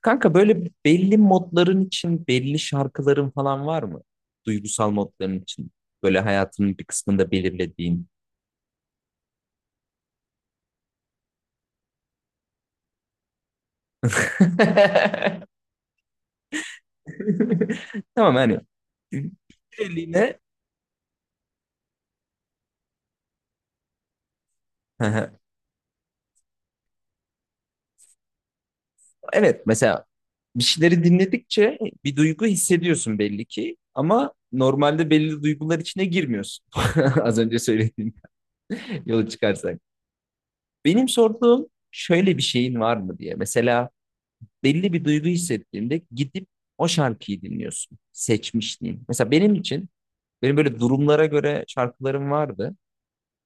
Kanka böyle belli modların için belli şarkıların falan var mı? Duygusal modların için. Böyle hayatının bir kısmında belirlediğin. Tamam, hani süreliğine. Hı hı. Evet, mesela bir şeyleri dinledikçe bir duygu hissediyorsun belli ki ama normalde belli duygular içine girmiyorsun. Az önce söylediğim yolu çıkarsak. Benim sorduğum şöyle bir şeyin var mı diye. Mesela belli bir duygu hissettiğinde gidip o şarkıyı dinliyorsun. Seçmişliğin. Mesela benim için böyle durumlara göre şarkılarım vardı.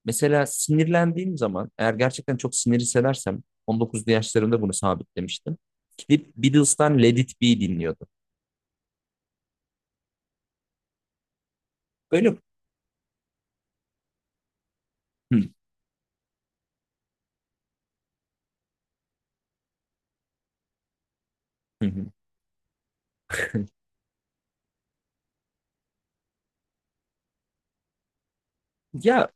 Mesela sinirlendiğim zaman, eğer gerçekten çok sinir hissedersem, 19'lu yaşlarımda bunu sabitlemiştim. Gidip Beatles'tan Let It Be dinliyordum. Böyle. Hı, hı hı. Ya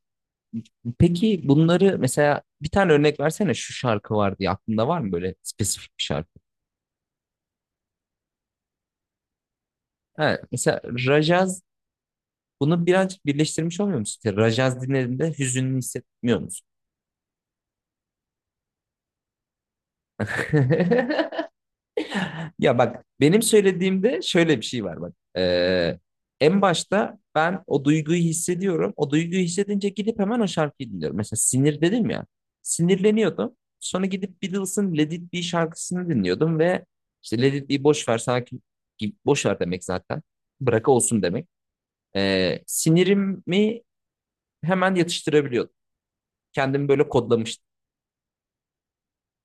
peki, bunları mesela bir tane örnek versene, şu şarkı var diye aklında var mı böyle spesifik bir şarkı? Ha, mesela Rajaz, bunu birazcık birleştirmiş olmuyor musun? İşte Rajaz dinlediğinde hüzünlü hissetmiyor musun? Ya bak, benim söylediğimde şöyle bir şey var bak. En başta ben o duyguyu hissediyorum. O duyguyu hissedince gidip hemen o şarkıyı dinliyorum. Mesela sinir dedim ya. Sinirleniyordum. Sonra gidip Beatles'ın Let It Be şarkısını dinliyordum ve işte Let It Be, boş ver sakin gibi, boş ver demek zaten. Bırak olsun demek. Sinirimi hemen yatıştırabiliyordum. Kendimi böyle kodlamıştım.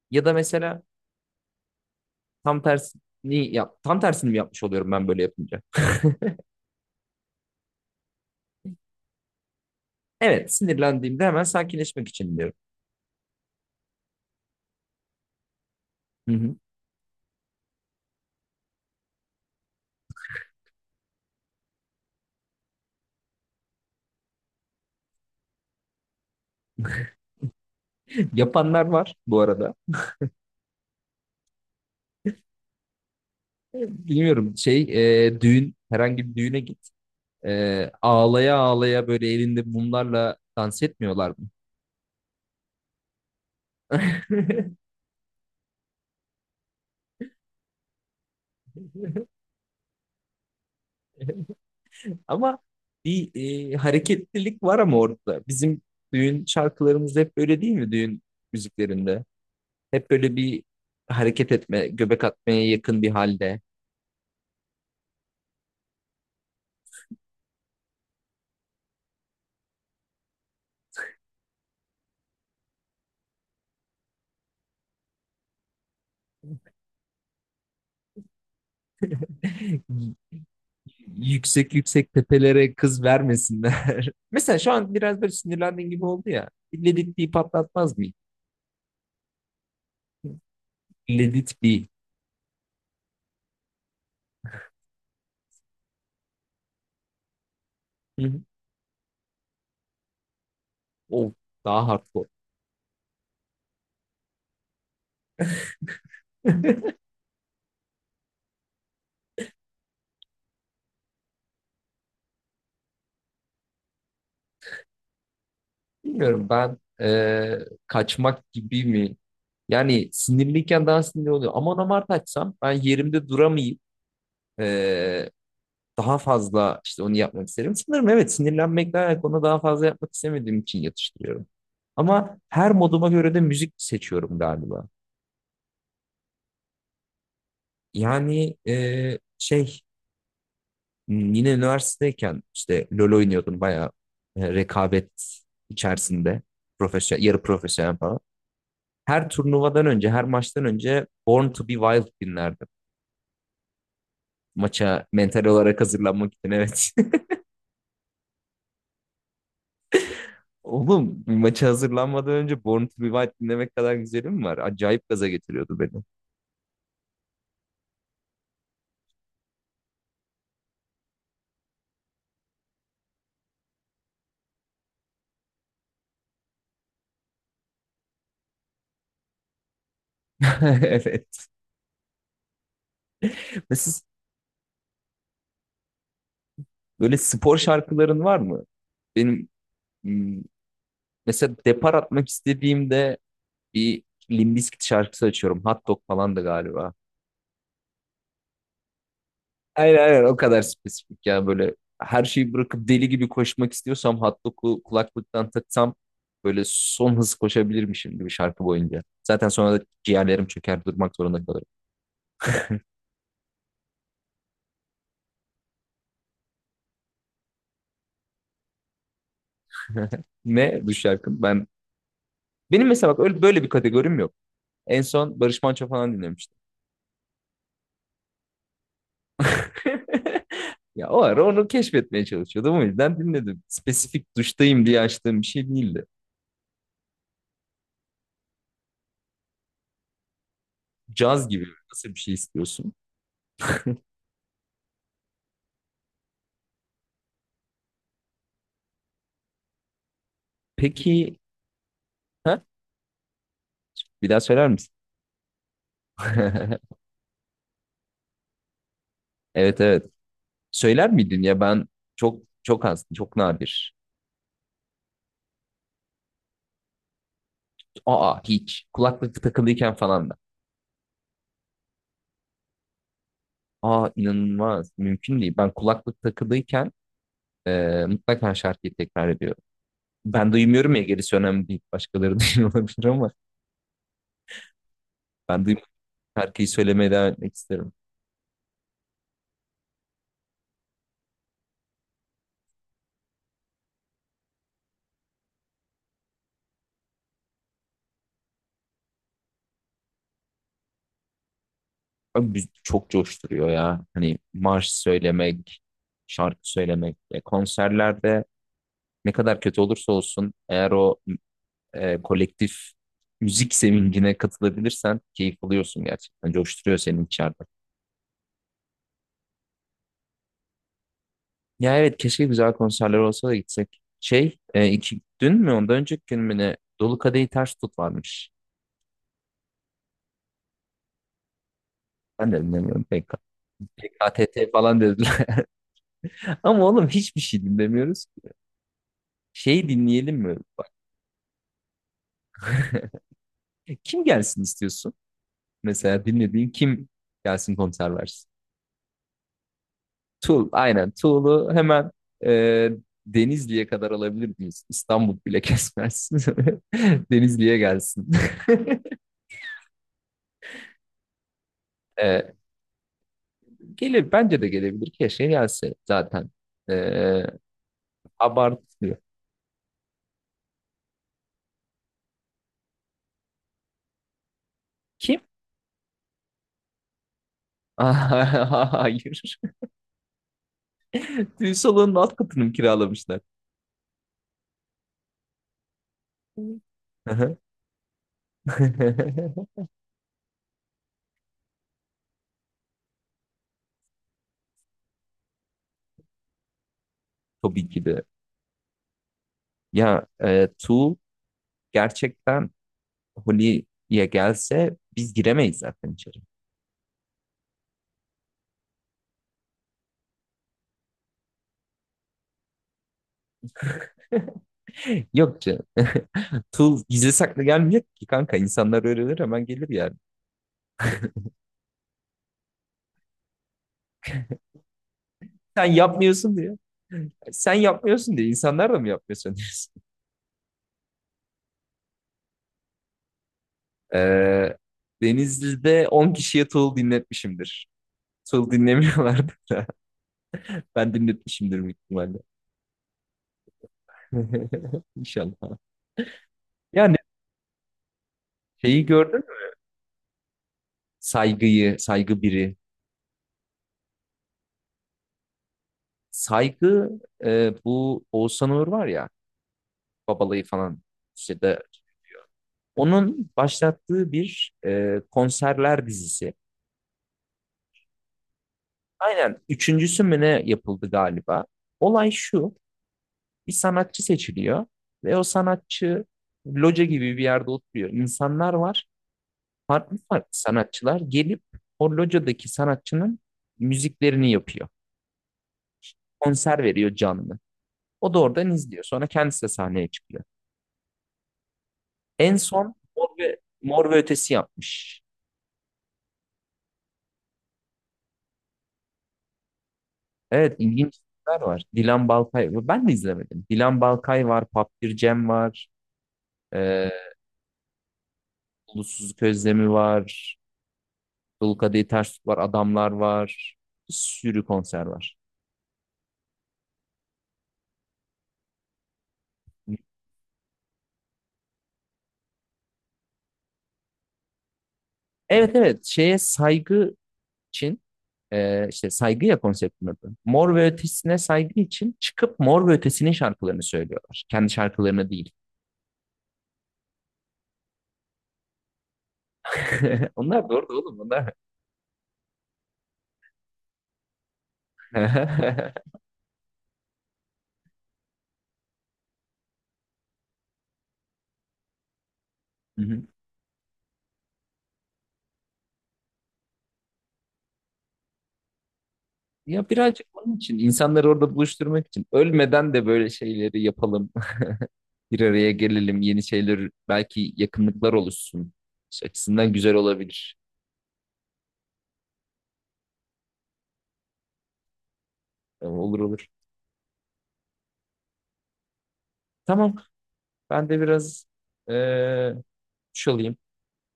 Ya da mesela tam tersi ni yap, tam tersini mi yapmış oluyorum ben böyle yapınca? Evet, sinirlendiğimde hemen sakinleşmek için diyorum. Hı hı. Yapanlar var bu arada. Bilmiyorum, düğün, herhangi bir düğüne git. Ağlaya ağlaya böyle elinde mumlarla dans etmiyorlar mı? Ama bir hareketlilik var ama orada. Bizim düğün şarkılarımız hep böyle değil mi, düğün müziklerinde? Hep böyle bir hareket etme, göbek atmaya yakın bir halde. Yüksek yüksek tepelere kız vermesinler. Mesela şu an biraz böyle sinirlendiğin gibi oldu ya. Ledit bir patlatmaz mı? Ledit bir. Hı hı. O daha hardcore. Bilmiyorum ben, kaçmak gibi mi? Yani sinirliyken daha sinirli oluyor. Aman amart açsam ben yerimde duramayıp e, daha fazla işte onu yapmak isterim. Sanırım evet, sinirlenmekten onu daha fazla yapmak istemediğim için yatıştırıyorum. Ama her moduma göre de müzik seçiyorum galiba. Yani yine üniversitedeyken işte LoL oynuyordum bayağı, rekabet içerisinde, profesyonel, yarı profesyonel falan. Her turnuvadan önce, her maçtan önce Born to be Wild dinlerdim. Maça mental olarak hazırlanmak için, evet. Oğlum, maça hazırlanmadan önce Born to be Wild dinlemek kadar güzelim mi var? Acayip gaza getiriyordu beni. Evet. Ve siz böyle spor şarkıların var mı? Benim, m, mesela depar atmak istediğimde bir Limp Bizkit şarkısı açıyorum. Hot Dog falan da galiba. Aynen, aynen, o kadar spesifik ya, böyle her şeyi bırakıp deli gibi koşmak istiyorsam Hot Dog'u kulaklıktan taksam böyle son hız koşabilirmişim gibi şarkı boyunca. Zaten sonra da ciğerlerim çöker, durmak zorunda kalırım. Ne bu şarkı? Benim mesela bak, öyle böyle bir kategorim yok. En son Barış Manço falan dinlemiştim. Ya o ara onu keşfetmeye çalışıyordum. O yüzden dinledim. Spesifik duştayım diye açtığım bir şey değildi. Caz gibi, nasıl bir şey istiyorsun? Peki, ha? Bir daha söyler misin? Evet, evet. Söyler miydin ya? Ben çok çok az, çok nadir. Aa, hiç? Kulaklık takılıyken falan da. Aa, inanılmaz. Mümkün değil. Ben kulaklık takılıyken mutlaka şarkıyı tekrar ediyorum. Ben duymuyorum ya, gerisi önemli değil. Başkaları duyuyor olabilir ama ben duymuyorum. Şarkıyı söylemeye devam etmek isterim. Abi, çok coşturuyor ya. Hani marş söylemek, şarkı söylemek. Konserlerde ne kadar kötü olursa olsun, eğer o kolektif müzik sevincine katılabilirsen keyif alıyorsun gerçekten. Coşturuyor senin içeride. Ya evet, keşke güzel konserler olsa da gitsek. İki, dün mü ondan önceki gün mü ne? Dolu Kadehi Ters Tut varmış. Ben de dinlemiyorum PK. PKTT falan dediler. Ama oğlum, hiçbir şey dinlemiyoruz. Şey, dinleyelim mi? Bak, kim gelsin istiyorsun? Mesela dinlediğin kim gelsin, konser versin? Tuğ, aynen. Tuğlu hemen e, Denizli'ye kadar alabilir miyiz? İstanbul bile kesmez. Denizli'ye gelsin. E, Gelir, bence de gelebilir. Keşke gelse zaten. E, Abartılıyor. Kim? Hayır. Düğün salonunun alt katını mı kiralamışlar? Aha. Tabii ki de. Ya Tuğ gerçekten Holi'ye gelse biz giremeyiz zaten içeri. Yok canım. Tuğ gizli saklı gelmiyor ki kanka. İnsanlar öğrenir, hemen gelir yani. Sen yapmıyorsun diyor. Sen yapmıyorsun diye insanlar da mı yapmıyorsun diyorsun? Ee, Denizli'de 10 kişiye tuğul dinletmişimdir. Tuğul dinlemiyorlardı da. Ben dinletmişimdir büyük ihtimalle. İnşallah. Yani şeyi gördün mü? Saygıyı, saygı biri. Saygı, bu Oğuzhan Uğur var ya. Babalayı falan. İşte de, onun başlattığı bir konserler dizisi. Aynen, üçüncüsü mü ne yapıldı galiba. Olay şu: bir sanatçı seçiliyor ve o sanatçı loca gibi bir yerde oturuyor. İnsanlar var, farklı farklı sanatçılar gelip o locadaki sanatçının müziklerini yapıyor. Konser veriyor canlı. O da oradan izliyor. Sonra kendisi de sahneye çıkıyor. En son Mor ve Ötesi yapmış. Evet, ilginç filmler var. Dilan Balkay. Ben de izlemedim. Dilan Balkay var. Papir Cem var. E, Ulusuzluk Özlemi var. Dul Kadehi Ters Tut var. Adamlar var. Bir sürü konser var. Evet, evet. Şeye saygı için, işte saygı ya konseptin adı. Mor ve Ötesi'ne saygı için çıkıp Mor ve Ötesi'nin şarkılarını söylüyorlar. Kendi şarkılarını değil. Onlar doğru da oğlum. Onlar. Ya birazcık onun için, insanları orada buluşturmak için ölmeden de böyle şeyleri yapalım. Bir araya gelelim, yeni şeyler, belki yakınlıklar oluşsun. İşte açısından güzel olabilir. Olur olur. Tamam, ben de biraz eee duş alayım.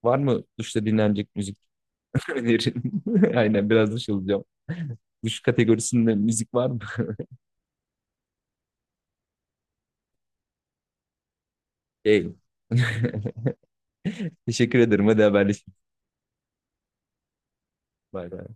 Var mı duşta dinlenecek müzik önerin? Aynen, biraz duş alacağım. Duş kategorisinde müzik var mı? Değil. Teşekkür ederim. Hadi haberleşelim. Bay bay.